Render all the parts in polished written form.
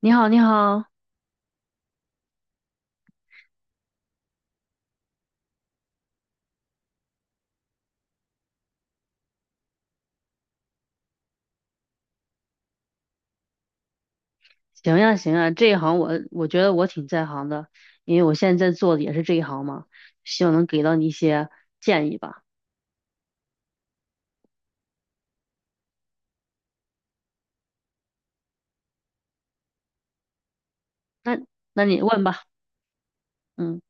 你好，你好，行呀，行呀，这一行我觉得我挺在行的，因为我现在在做的也是这一行嘛，希望能给到你一些建议吧。那那你问吧，嗯，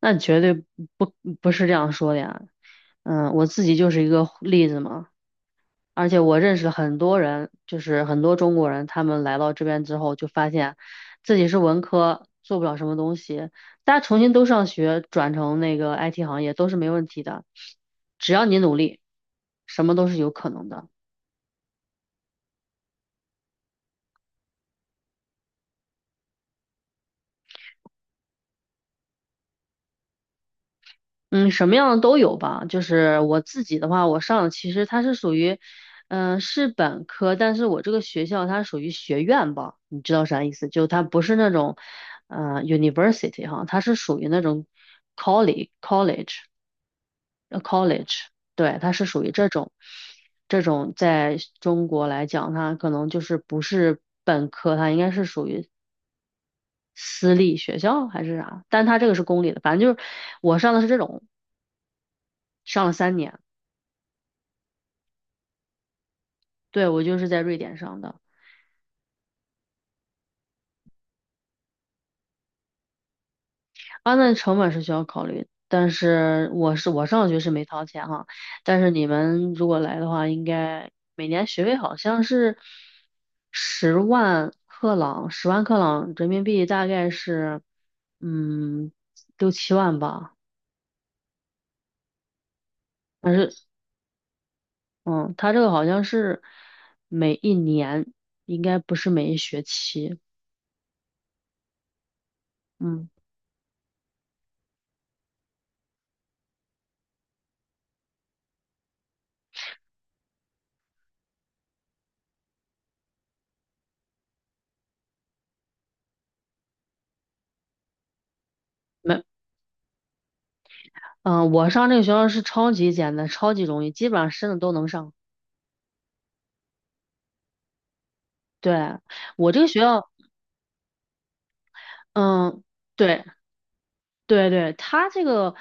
那绝对不不是这样说的呀，嗯，我自己就是一个例子嘛，而且我认识很多人，就是很多中国人，他们来到这边之后，就发现自己是文科，做不了什么东西。大家重新都上学，转成那个 IT 行业都是没问题的，只要你努力，什么都是有可能的。嗯，什么样的都有吧。就是我自己的话，我上的其实它是属于，是本科，但是我这个学校它属于学院吧，你知道啥意思？就它不是那种，university 哈，它是属于那种 college college，对，它是属于这种，这种在中国来讲，它可能就是不是本科，它应该是属于私立学校还是啥？但它这个是公立的，反正就是我上的是这种，上了3年。对，我就是在瑞典上的。啊，那成本是需要考虑的，但是我是我上学是没掏钱哈，但是你们如果来的话，应该每年学费好像是十万克朗，十万克朗人民币大概是嗯六七万吧，但是嗯，他这个好像是每一年，应该不是每一学期，嗯，没，嗯，我上这个学校是超级简单，超级容易，基本上申的都能上。对，我这个学校，嗯，对对对，他这个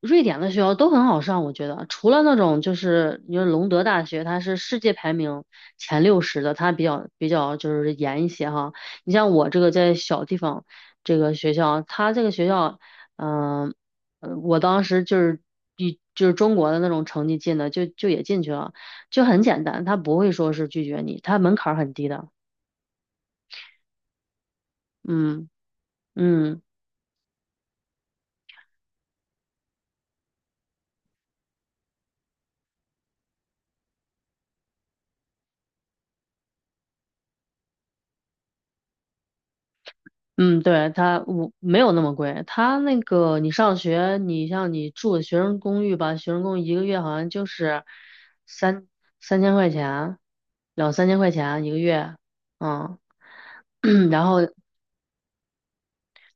瑞典的学校都很好上，我觉得，除了那种就是你说隆德大学，它是世界排名前60的，它比较就是严一些哈。你像我这个在小地方这个学校，它这个学校，嗯，我当时就是比就是中国的那种成绩进的，就也进去了，就很简单，他不会说是拒绝你，他门槛儿很低的，嗯嗯。嗯，对，它我没有那么贵，它那个你上学，你像你住的学生公寓吧，学生公寓一个月好像就是三三千块钱，两三千块钱一个月，嗯，然后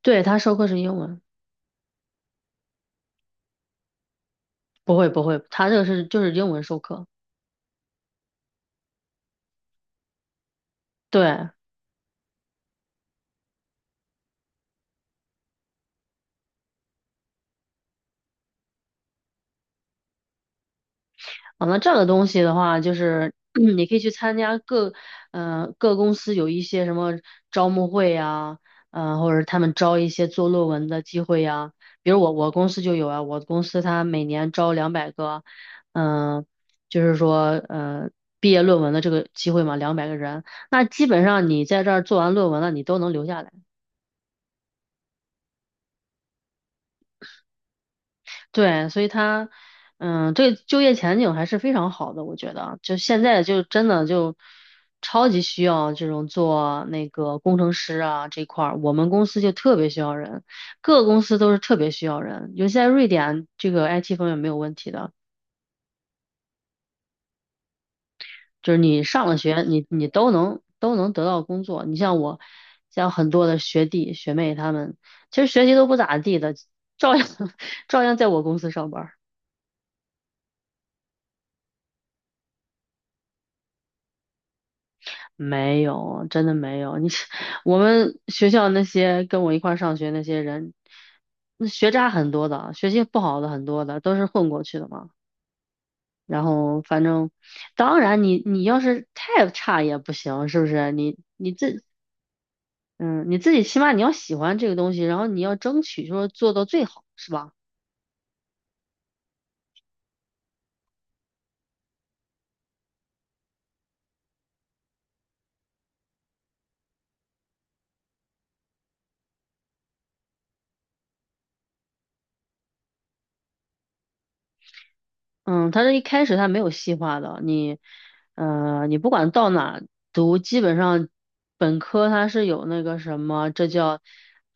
对，它授课是英文，不会不会，它这个是就是英文授课，对。啊，那这样的东西的话，就是 你可以去参加各，嗯，各公司有一些什么招募会呀，嗯，或者他们招一些做论文的机会呀。比如我公司就有啊，我公司它每年招两百个，嗯、就是说毕业论文的这个机会嘛，200个人。那基本上你在这儿做完论文了，你都能留下来。对，所以他，嗯，这个就业前景还是非常好的，我觉得，就现在就真的就超级需要这种做那个工程师啊这块儿，我们公司就特别需要人，各个公司都是特别需要人，尤其在瑞典，这个 IT 方面没有问题的，就是你上了学，你都能得到工作。你像我，像很多的学弟学妹他们，其实学习都不咋地的，照样 照样在我公司上班。没有，真的没有。你是我们学校那些跟我一块儿上学那些人，那学渣很多的，学习不好的很多的，都是混过去的嘛。然后反正，当然你要是太差也不行，是不是？你自己起码你要喜欢这个东西，然后你要争取说做到最好，是吧？嗯，他这一开始他没有细化的，你，你不管到哪读，基本上本科它是有那个什么，这叫，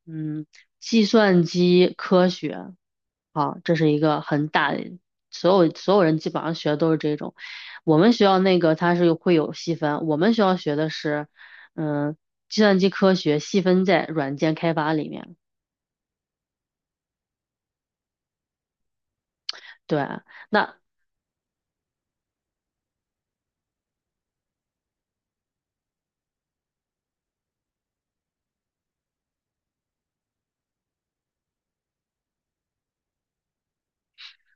嗯，计算机科学，好，这是一个很大的，所有人基本上学的都是这种。我们学校那个它是有会有细分，我们学校学的是，嗯，计算机科学细分在软件开发里面，对啊。那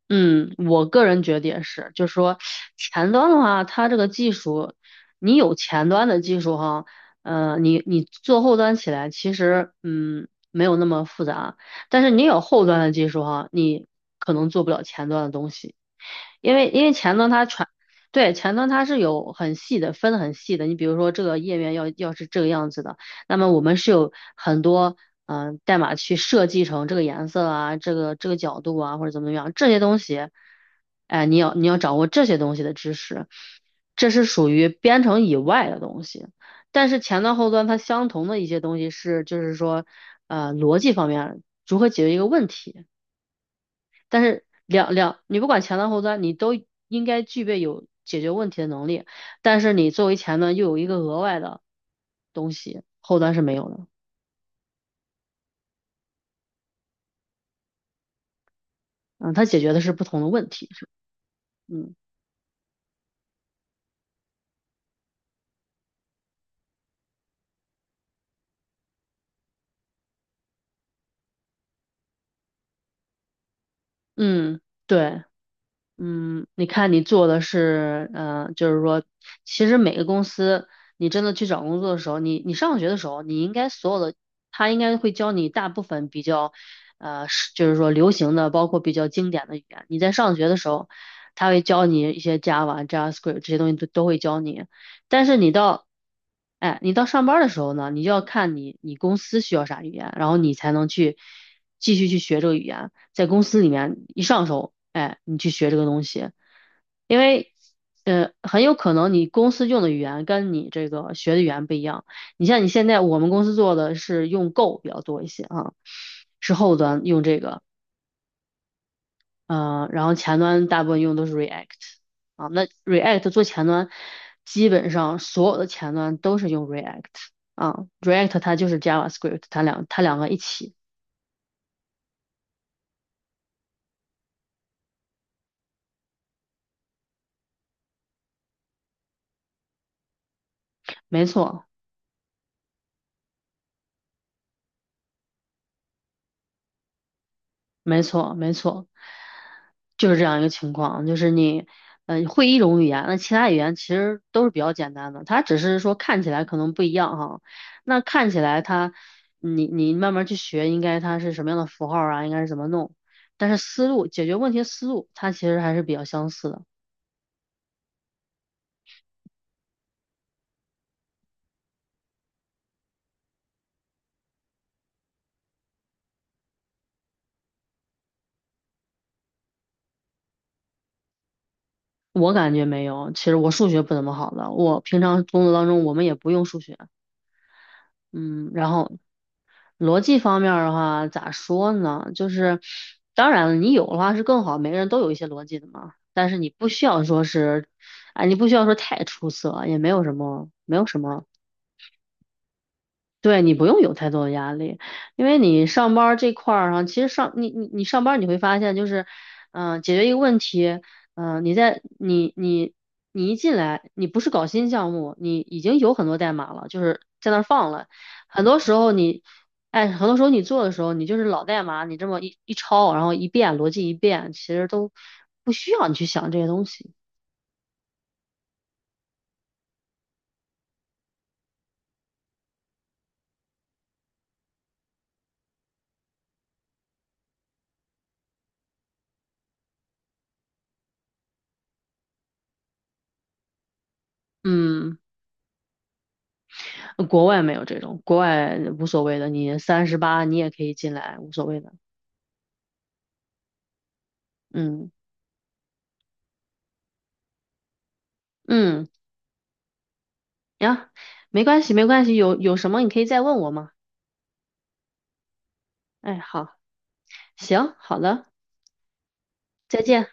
嗯，我个人觉得也是，就是说前端的话，它这个技术，你有前端的技术哈，你做后端起来，其实没有那么复杂，但是你有后端的技术哈，你可能做不了前端的东西，因为前端它传，对，前端它是有很细的，分得很细的，你比如说这个页面要是这个样子的。那么我们是有很多代码去设计成这个颜色啊，这个这个角度啊，或者怎么样这些东西，哎，你要掌握这些东西的知识，这是属于编程以外的东西。但是前端后端它相同的一些东西是，就是说，逻辑方面如何解决一个问题。但是你不管前端后端，你都应该具备有解决问题的能力。但是你作为前端又有一个额外的东西，后端是没有的。嗯，它解决的是不同的问题，是，嗯嗯，对，嗯，你看你做的是，就是说，其实每个公司，你真的去找工作的时候，你上学的时候，你应该所有的，他应该会教你大部分比较，是就是说流行的，包括比较经典的语言。你在上学的时候，他会教你一些 Java、JavaScript 这些东西都会教你，但是你到哎，你到上班儿的时候呢，你就要看你公司需要啥语言，然后你才能去继续去学这个语言，在公司里面一上手，哎，你去学这个东西，因为很有可能你公司用的语言跟你这个学的语言不一样。你像你现在我们公司做的是用 Go 比较多一些啊，是后端用这个，然后前端大部分用都是 React 啊。那 React 做前端，基本上所有的前端都是用 React 啊，React 它就是 JavaScript，它两个一起，没错。没错，没错，就是这样一个情况，就是你，会一种语言，那其他语言其实都是比较简单的，它只是说看起来可能不一样哈。那看起来它，你你慢慢去学，应该它是什么样的符号啊，应该是怎么弄，但是思路解决问题思路，它其实还是比较相似的。我感觉没有，其实我数学不怎么好的，我平常工作当中我们也不用数学，嗯，然后逻辑方面儿的话，咋说呢？就是当然了，你有的话是更好，每个人都有一些逻辑的嘛。但是你不需要说是，哎，你不需要说太出色，也没有什么，没有什么对你不用有太多的压力，因为你上班儿这块儿上，其实上你上班儿你会发现就是，解决一个问题，你在你你一进来，你不是搞新项目，你已经有很多代码了，就是在那儿放了，很多时候你，哎，很多时候你做的时候，你就是老代码，你这么一抄，然后一遍逻辑一遍，其实都不需要你去想这些东西。嗯，国外没有这种，国外无所谓的，你38你也可以进来，无所谓的。嗯嗯，呀，没关系没关系，有什么你可以再问我嘛。哎，好，行，好了，再见。